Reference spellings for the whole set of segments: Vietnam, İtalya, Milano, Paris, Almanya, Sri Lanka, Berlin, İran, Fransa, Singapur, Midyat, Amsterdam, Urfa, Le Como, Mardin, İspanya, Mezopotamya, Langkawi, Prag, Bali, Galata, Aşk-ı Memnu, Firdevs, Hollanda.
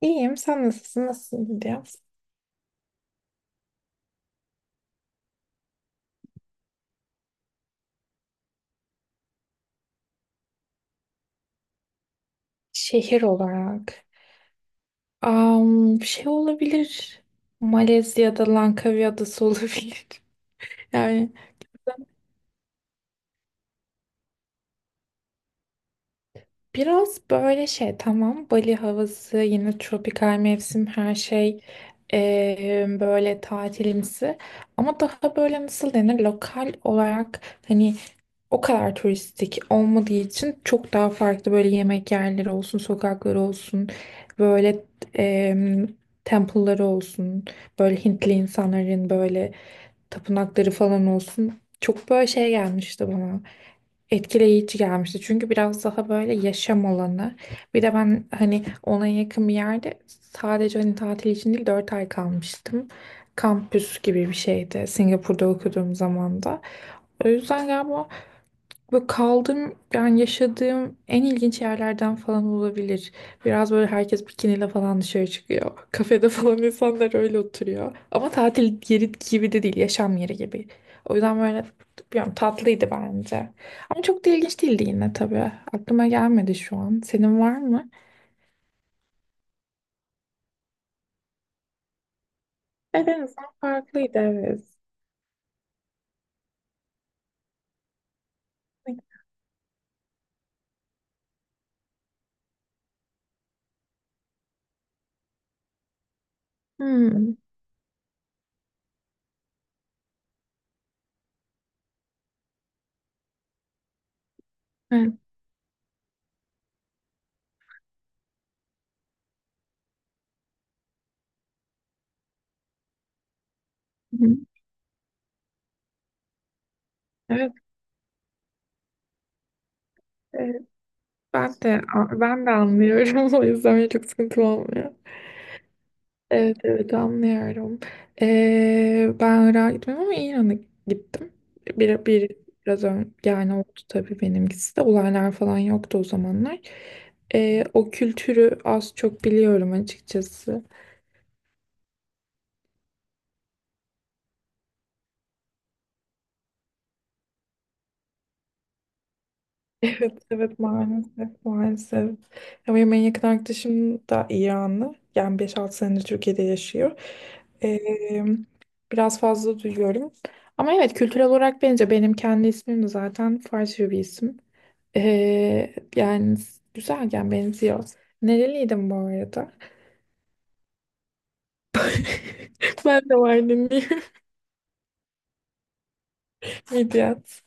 İyiyim. Sen nasılsın? Nasıl gidiyor? Şehir olarak. Şey olabilir. Malezya'da Langkawi Adası olabilir. Yani biraz böyle şey tamam Bali havası yine tropikal mevsim her şey, böyle tatilimsi, ama daha böyle nasıl denir, lokal olarak hani o kadar turistik olmadığı için çok daha farklı, böyle yemek yerleri olsun, sokakları olsun, böyle eee temple'ları olsun, böyle Hintli insanların böyle tapınakları falan olsun, çok böyle şey gelmişti bana, etkileyici gelmişti. Çünkü biraz daha böyle yaşam alanı. Bir de ben hani ona yakın bir yerde, sadece hani tatil için değil, 4 ay kalmıştım. Kampüs gibi bir şeydi Singapur'da okuduğum zaman da. O yüzden galiba böyle kaldığım, yani yaşadığım en ilginç yerlerden falan olabilir. Biraz böyle herkes bikiniyle falan dışarı çıkıyor. Kafede falan insanlar öyle oturuyor. Ama tatil yeri gibi de değil, yaşam yeri gibi. O yüzden böyle bilmiyorum, tatlıydı bence. Ama çok da ilginç değildi yine tabii. Aklıma gelmedi şu an. Senin var mı? Evet, en azından farklıydı, evet. Hmm, evet. Hı. Evet, evet. Ben de ben de anlıyorum. O yüzden çok sıkıntı olmuyor. Evet evet, anlıyorum. Ben Irak'a gitmedim ama İran'a gittim. Bir, bir, biraz ön, yani oldu tabii benimkisi de. Olaylar falan yoktu o zamanlar. O kültürü az çok biliyorum açıkçası. Evet evet, maalesef maalesef. Ama benim en yakın arkadaşım da İranlı. Yani 5-6 senedir Türkiye'de yaşıyor. Ee, Biraz fazla duyuyorum. Ama evet, kültürel olarak bence benim kendi ismim de zaten Farsça bir isim. Yani güzelken benziyor. Nereliydin bu arada? Ben de Mardinliyim. Midyat.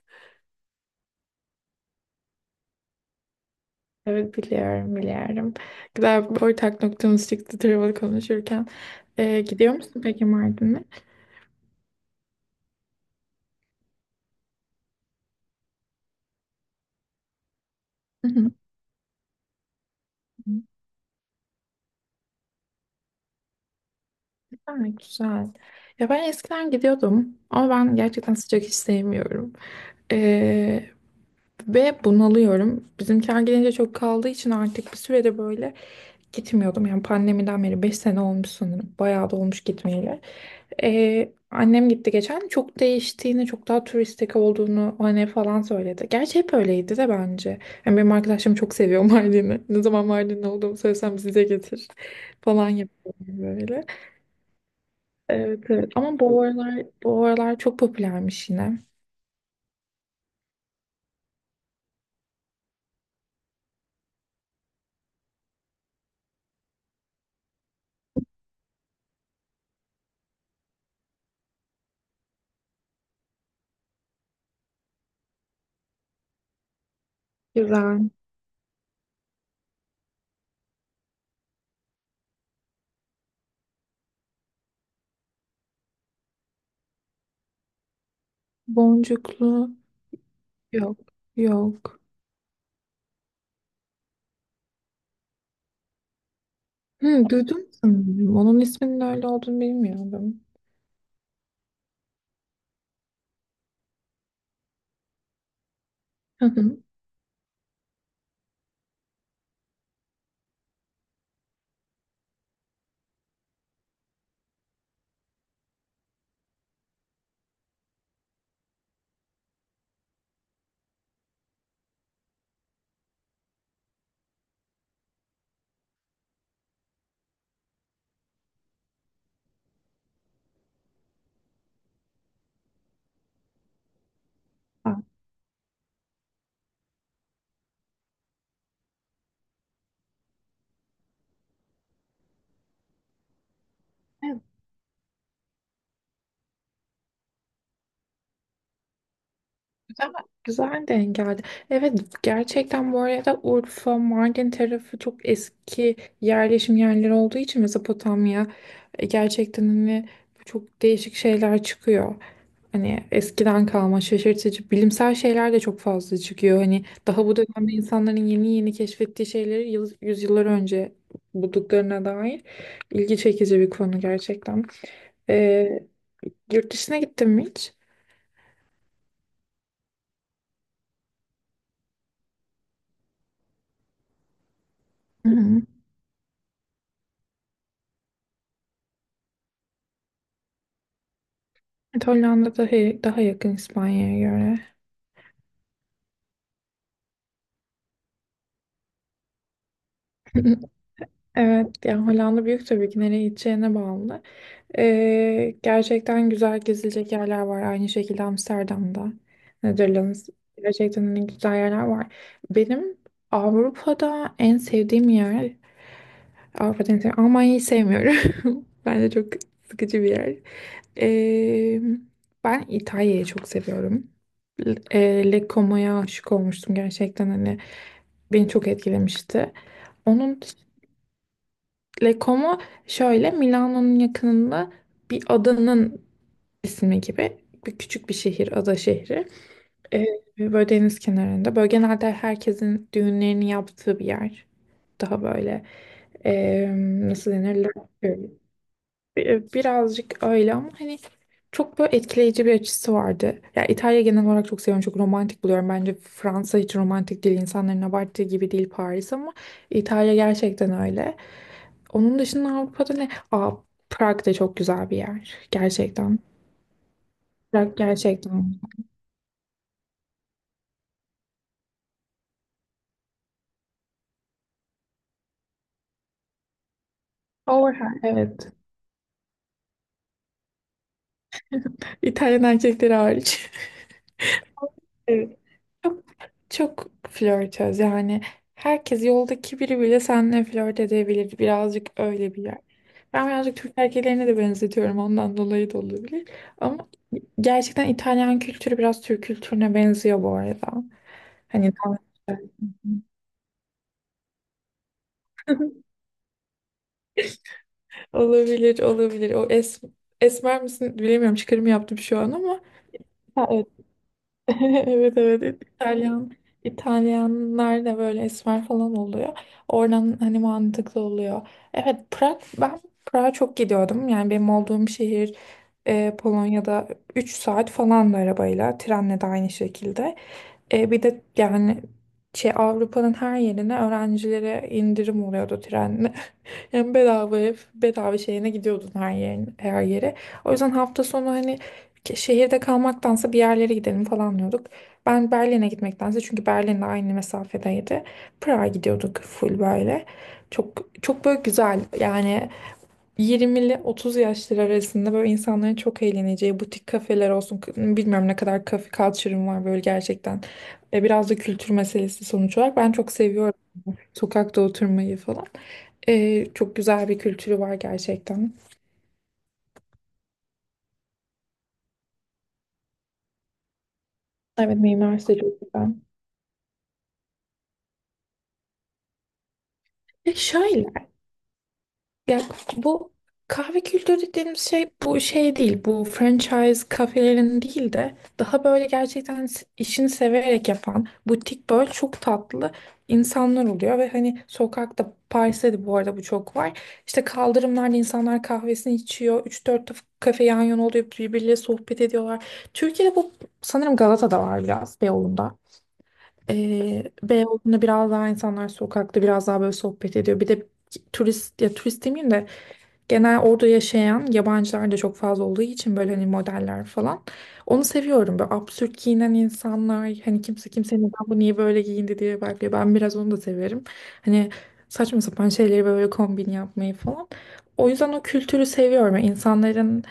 Evet biliyorum, biliyorum. Güzel bir ortak noktamız çıktı travel konuşurken. Gidiyor musun peki Mardin'e? Hı hı. Güzel güzel. Ya ben eskiden gidiyordum ama ben gerçekten sıcak hiç sevmiyorum. Ee, Ve bunalıyorum. Bizimkiler gelince çok kaldığı için artık bir sürede böyle gitmiyordum, yani pandemiden beri 5 sene olmuş sanırım. Bayağı da olmuş gitmeyeli. Annem gitti geçen. Çok değiştiğini, çok daha turistik olduğunu hani falan söyledi. Gerçi hep öyleydi de bence. Yani benim arkadaşlarım çok seviyor Mardin'i. Ne zaman Mardin'de olduğumu söylesem "bize getir" falan yapıyor böyle. Evet, evet. Ama bu aralar çok popülermiş yine. Güzel. Boncuklu. Yok. Yok. Hı, duydum sanırım. Onun isminin öyle olduğunu bilmiyordum. Hı hı. Aa. Ama güzel denk geldi. Evet gerçekten, bu arada Urfa, Mardin tarafı çok eski yerleşim yerleri olduğu için Mezopotamya, gerçekten hani çok değişik şeyler çıkıyor. Hani eskiden kalma şaşırtıcı bilimsel şeyler de çok fazla çıkıyor. Hani daha bu dönemde insanların yeni yeni keşfettiği şeyleri yıl, yüzyıllar önce bulduklarına dair ilgi çekici bir konu gerçekten. Ee, Yurt dışına gittin mi hiç? Evet, Hollanda daha yakın İspanya'ya göre. Evet, yani Hollanda büyük tabii ki, nereye gideceğine bağlı. Gerçekten güzel gezilecek yerler var. Aynı şekilde Amsterdam'da, Netherlands. Gerçekten hani güzel yerler var. Benim Avrupa'da en sevdiğim yer, Avrupa'da en sevdiğim, Almanya'yı sevmiyorum. Bence çok sıkıcı bir yer. Ee, Ben İtalya'yı çok seviyorum. Le Como'ya aşık olmuştum, gerçekten hani beni çok etkilemişti. Onun Lecomo şöyle Milano'nun yakınında, bir adanın ismi gibi, bir küçük bir şehir, ada şehri. Ee, Böyle deniz kenarında. Böyle genelde herkesin düğünlerini yaptığı bir yer. Daha böyle ee, nasıl denir? Birazcık öyle ama hani çok böyle etkileyici bir açısı vardı. Ya İtalya genel olarak çok seviyorum, çok romantik buluyorum. Bence Fransa hiç romantik değil, insanların abarttığı gibi değil Paris, ama İtalya gerçekten öyle. Onun dışında Avrupa'da ne? Aa, Prag da çok güzel bir yer. Gerçekten. Prag gerçekten. Overhaul. Evet. İtalyan erkekleri hariç. Evet. Çok, çok flörtöz yani. Herkes, yoldaki biri bile seninle flört edebilir. Birazcık öyle bir yer. Ben birazcık Türk erkeklerine de benzetiyorum. Ondan dolayı da olabilir. Ama gerçekten İtalyan kültürü biraz Türk kültürüne benziyor bu arada. Hani olabilir, olabilir. O esmer misin bilemiyorum. Çıkarım yaptım şu an ama. Ha, evet. Evet evet. İtalyan, İtalyanlar da böyle esmer falan oluyor. Oradan hani mantıklı oluyor. Evet, Prag, ben Prag'a çok gidiyordum. Yani benim olduğum şehir Polonya'da, 3 saat falan da arabayla, trenle de aynı şekilde. Bir de yani şey Avrupa'nın her yerine öğrencilere indirim oluyordu trenle. Hem bedava ev, bedava şeyine gidiyordun her yerin, her yere. O yüzden hafta sonu hani şehirde kalmaktansa bir yerlere gidelim falan diyorduk. Ben Berlin'e gitmektense, çünkü Berlin'le aynı mesafedeydi, Prag'a gidiyorduk full böyle. Çok çok böyle güzel yani, 20'li 30 yaşları arasında böyle insanların çok eğleneceği butik kafeler olsun. Bilmiyorum, ne kadar kafe culture'ım var böyle gerçekten. Biraz da kültür meselesi sonuç olarak. Ben çok seviyorum sokakta oturmayı falan. Çok güzel bir kültürü var gerçekten. Evet, mimarisi de çok güzel. Ya şöyle, ya bu kahve kültürü dediğimiz şey, bu şey değil. Bu franchise kafelerin değil de daha böyle gerçekten işini severek yapan butik, böyle çok tatlı insanlar oluyor ve hani sokakta, Paris'te de bu arada bu çok var. İşte kaldırımlarda insanlar kahvesini içiyor. 3-4 kafe yan yana oluyor, birbirleriyle sohbet ediyorlar. Türkiye'de bu sanırım Galata'da var biraz, Beyoğlu'nda. Beyoğlu'nda biraz daha insanlar sokakta biraz daha böyle sohbet ediyor. Bir de turist, ya turist demeyeyim de, genel orada yaşayan yabancılar da çok fazla olduğu için böyle hani modeller falan. Onu seviyorum, böyle absürt giyinen insanlar, hani kimse kimse neden bu niye böyle giyindi diye bakıyor. Ben biraz onu da severim. Hani saçma sapan şeyleri böyle kombin yapmayı falan. O yüzden o kültürü seviyorum. Yani İnsanların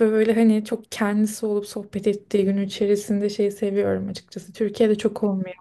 böyle hani çok kendisi olup sohbet ettiği, gün içerisinde, şeyi seviyorum açıkçası. Türkiye'de çok olmuyor.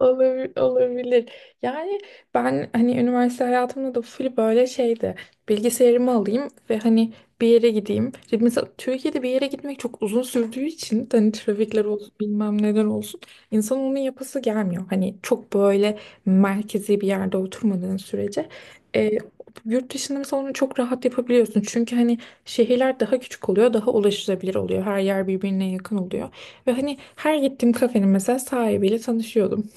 Olabilir. Yani ben hani üniversite hayatımda da full böyle şeydi. Bilgisayarımı alayım ve hani bir yere gideyim. Şimdi mesela Türkiye'de bir yere gitmek çok uzun sürdüğü için, hani trafikler olsun bilmem neler olsun, insan onun yapası gelmiyor. Hani çok böyle merkezi bir yerde oturmadığın sürece. E, Yurt dışında mesela onu çok rahat yapabiliyorsun. Çünkü hani şehirler daha küçük oluyor, daha ulaşılabilir oluyor. Her yer birbirine yakın oluyor. Ve hani her gittiğim kafenin mesela sahibiyle tanışıyordum,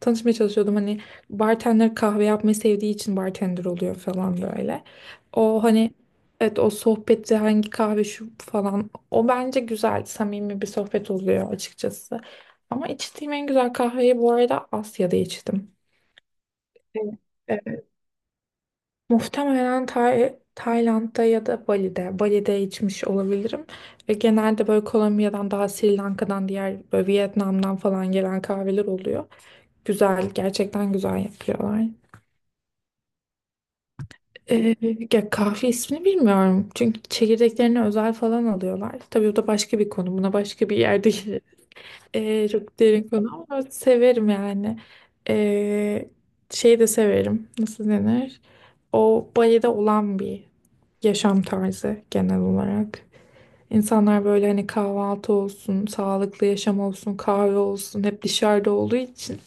tanışmaya çalışıyordum. Hani bartender, kahve yapmayı sevdiği için bartender oluyor falan böyle. O hani, evet, o sohbette "hangi kahve şu" falan, o bence güzel samimi bir sohbet oluyor açıkçası. Ama içtiğim en güzel kahveyi bu arada Asya'da içtim. Evet. Evet. Muhtemelen Tayland'da ya da Bali'de. Bali'de içmiş olabilirim. Ve genelde böyle Kolombiya'dan, daha Sri Lanka'dan, diğer böyle Vietnam'dan falan gelen kahveler oluyor. Güzel, gerçekten güzel yapıyorlar. Ee, Ya kahve ismini bilmiyorum. Çünkü çekirdeklerini özel falan alıyorlar. Tabii o da başka bir konu. Buna başka bir yerde gireriz. Çok derin konu ama severim yani. Ee, Şey de severim. Nasıl denir? O Bali'de olan bir yaşam tarzı genel olarak. İnsanlar böyle hani kahvaltı olsun, sağlıklı yaşam olsun, kahve olsun, hep dışarıda olduğu için